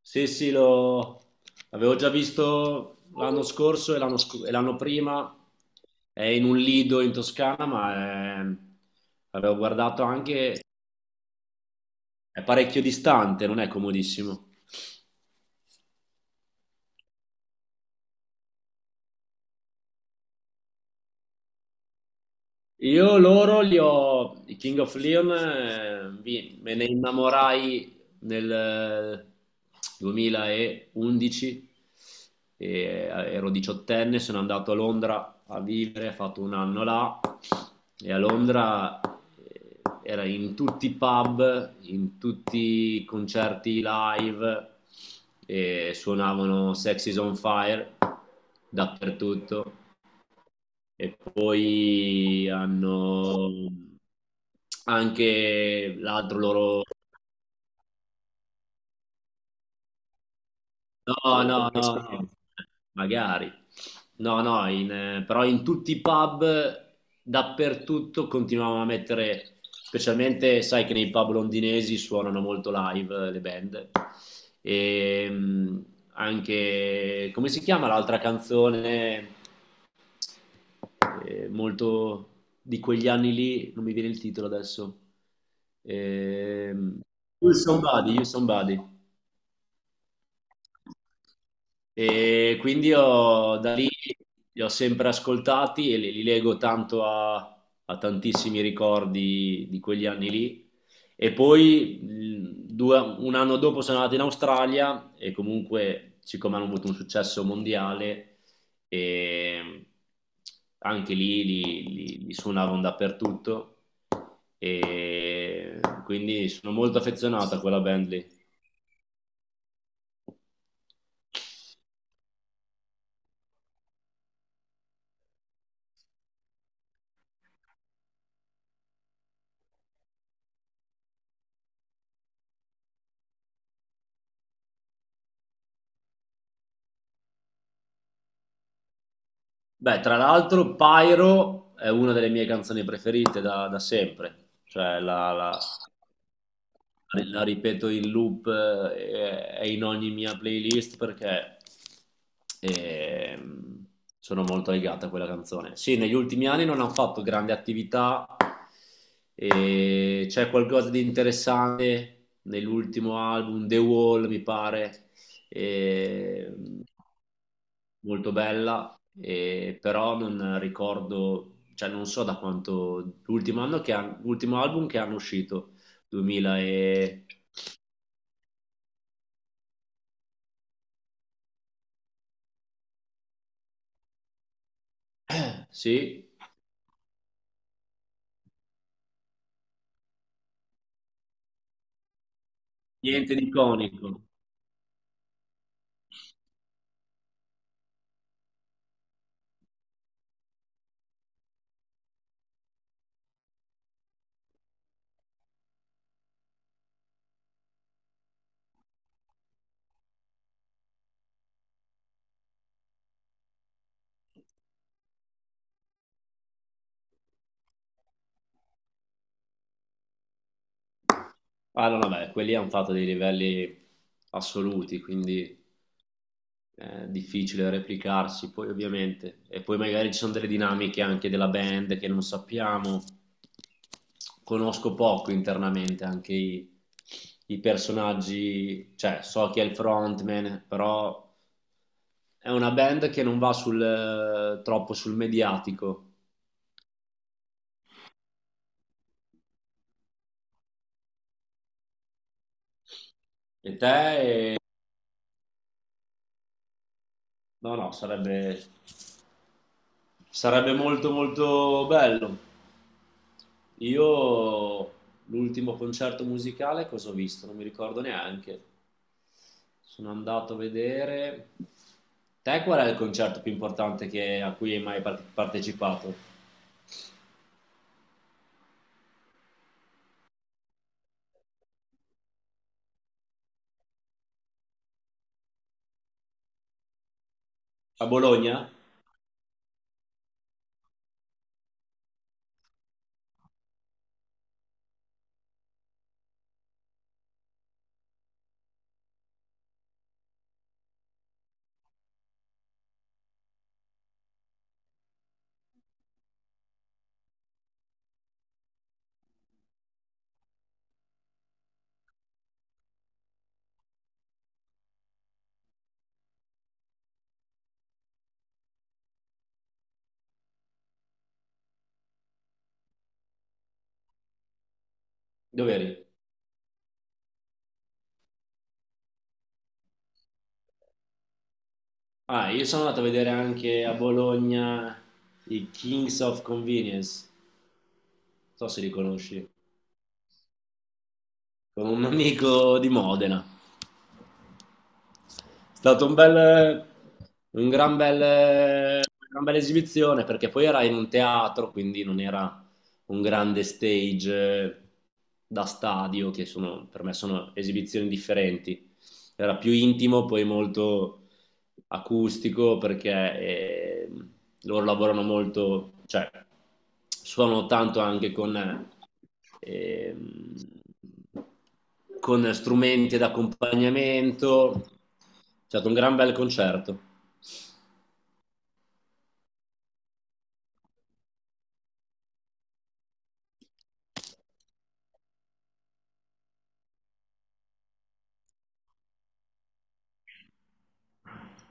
Sì, sì, l'avevo già visto l'anno scorso e e l'anno prima, è in un lido in Toscana, è- l'avevo guardato anche, è parecchio distante, non è comodissimo. Io loro li ho, i King of Leon, me ne innamorai nel 2011, e ero diciottenne, sono andato a Londra a vivere, ho fatto un anno là e a Londra, era in tutti i pub, in tutti i concerti live e suonavano Sex is on Fire dappertutto. E poi hanno anche l'altro loro... no, no, no, no, magari. No, no, in, Però in tutti i pub, dappertutto, continuavano a mettere, specialmente sai che nei pub londinesi suonano molto live, le band. E, anche, come si chiama l'altra canzone? Molto di quegli anni lì, non mi viene il titolo adesso. Ehm, You Somebody, You Somebody. E quindi da lì li ho sempre ascoltati e li lego tanto a tantissimi ricordi di quegli anni lì. E poi un anno dopo sono andato in Australia e comunque, siccome hanno avuto un successo mondiale, e anche lì li suonavano dappertutto. E quindi sono molto affezionato a quella band lì. Beh, tra l'altro, Pyro è una delle mie canzoni preferite da sempre. Cioè, la ripeto in loop, e in ogni mia playlist perché ehm, sono molto legata a quella canzone. Sì, negli ultimi anni non hanno fatto grandi attività, e c'è qualcosa di interessante nell'ultimo album, The Wall, mi pare, e- molto bella, però non ricordo, cioè non so da quanto, l'ultimo anno l'ultimo album che hanno uscito. 2000 e... Sì, niente di iconico. Ah no, vabbè, quelli hanno fatto dei livelli assoluti, quindi è difficile replicarsi, poi ovviamente. E poi magari ci sono delle dinamiche anche della band che non sappiamo. Conosco poco internamente anche i personaggi, cioè so chi è il frontman, però è una band che non va sul, troppo sul mediatico. E te no, no, sarebbe, sarebbe molto molto bello. Io l'ultimo concerto musicale cosa ho visto? Non mi ricordo neanche. Sono andato a vedere... Te qual è il concerto più importante a cui hai mai partecipato? A Bologna? Dove eri? Ah, io sono andato a vedere anche a Bologna i Kings of Convenience. Non so se li conosci. Con un amico di Modena. Stato un bel, un gran bel, una gran bella esibizione perché poi era in un teatro, quindi non era un grande stage, da stadio, che sono, per me sono esibizioni differenti. Era più intimo, poi molto acustico perché eh, loro lavorano molto, cioè suonano tanto anche eh, con strumenti d'accompagnamento. È stato un gran bel concerto.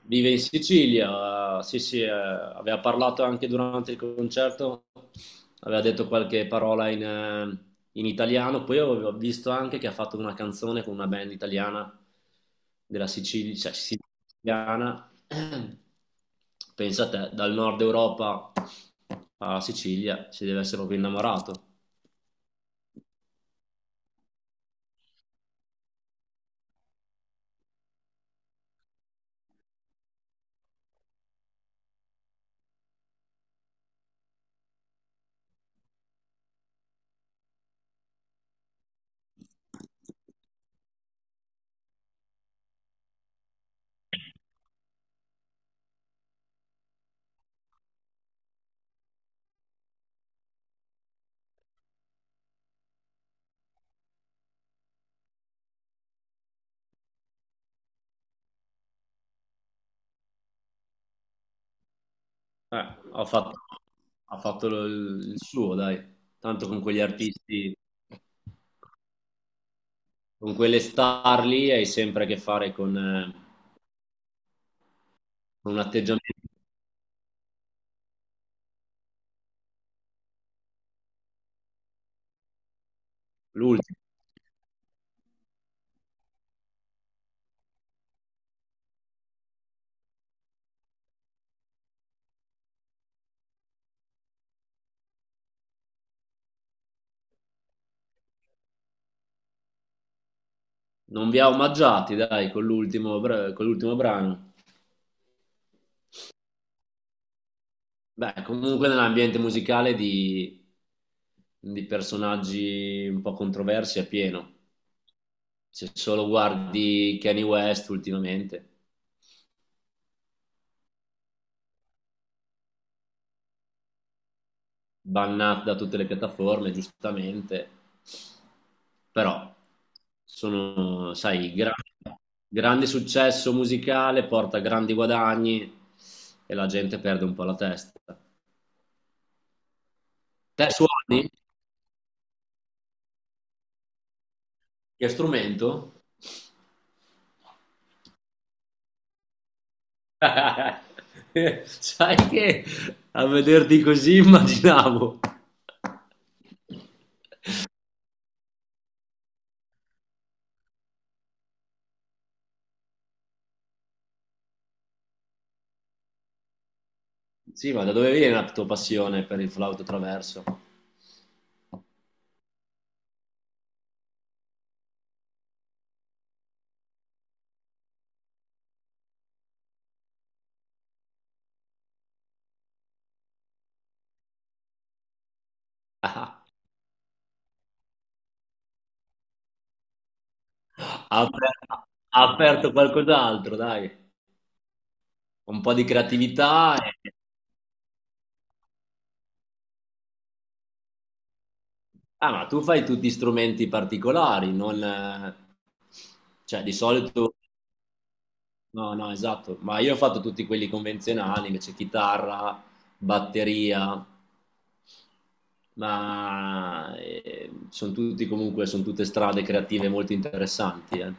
Vive in Sicilia, sì sì, aveva parlato anche durante il concerto, aveva detto qualche parola in italiano, poi ho visto anche che ha fatto una canzone con una band italiana della Sicilia, cioè siciliana, pensa a te, dal nord Europa alla Sicilia, si deve essere proprio innamorato. Eh, ha fatto, il suo, dai, tanto con quegli artisti. Con quelle star lì hai sempre a che fare con un atteggiamento. L'ultimo. Non vi ha omaggiati, dai, con con l'ultimo brano. Beh, comunque nell'ambiente musicale di personaggi un po' controversi è pieno. Se solo guardi Kanye West ultimamente. Bannati da tutte le piattaforme, giustamente, però sono, sai, grande successo musicale porta grandi guadagni e la gente perde un po' la testa. Te suoni? Che strumento? Sai che a vederti così immaginavo. Sì, ma da dove viene la tua passione per il flauto traverso? Ha aper- ha aperto qualcos'altro, dai, un po' di creatività. e- Ah, ma tu fai tutti strumenti particolari, non... cioè, no, no, esatto, ma io ho fatto tutti quelli convenzionali, invece chitarra, batteria, ma, sono tutti comunque, sono tutte strade creative molto interessanti, eh.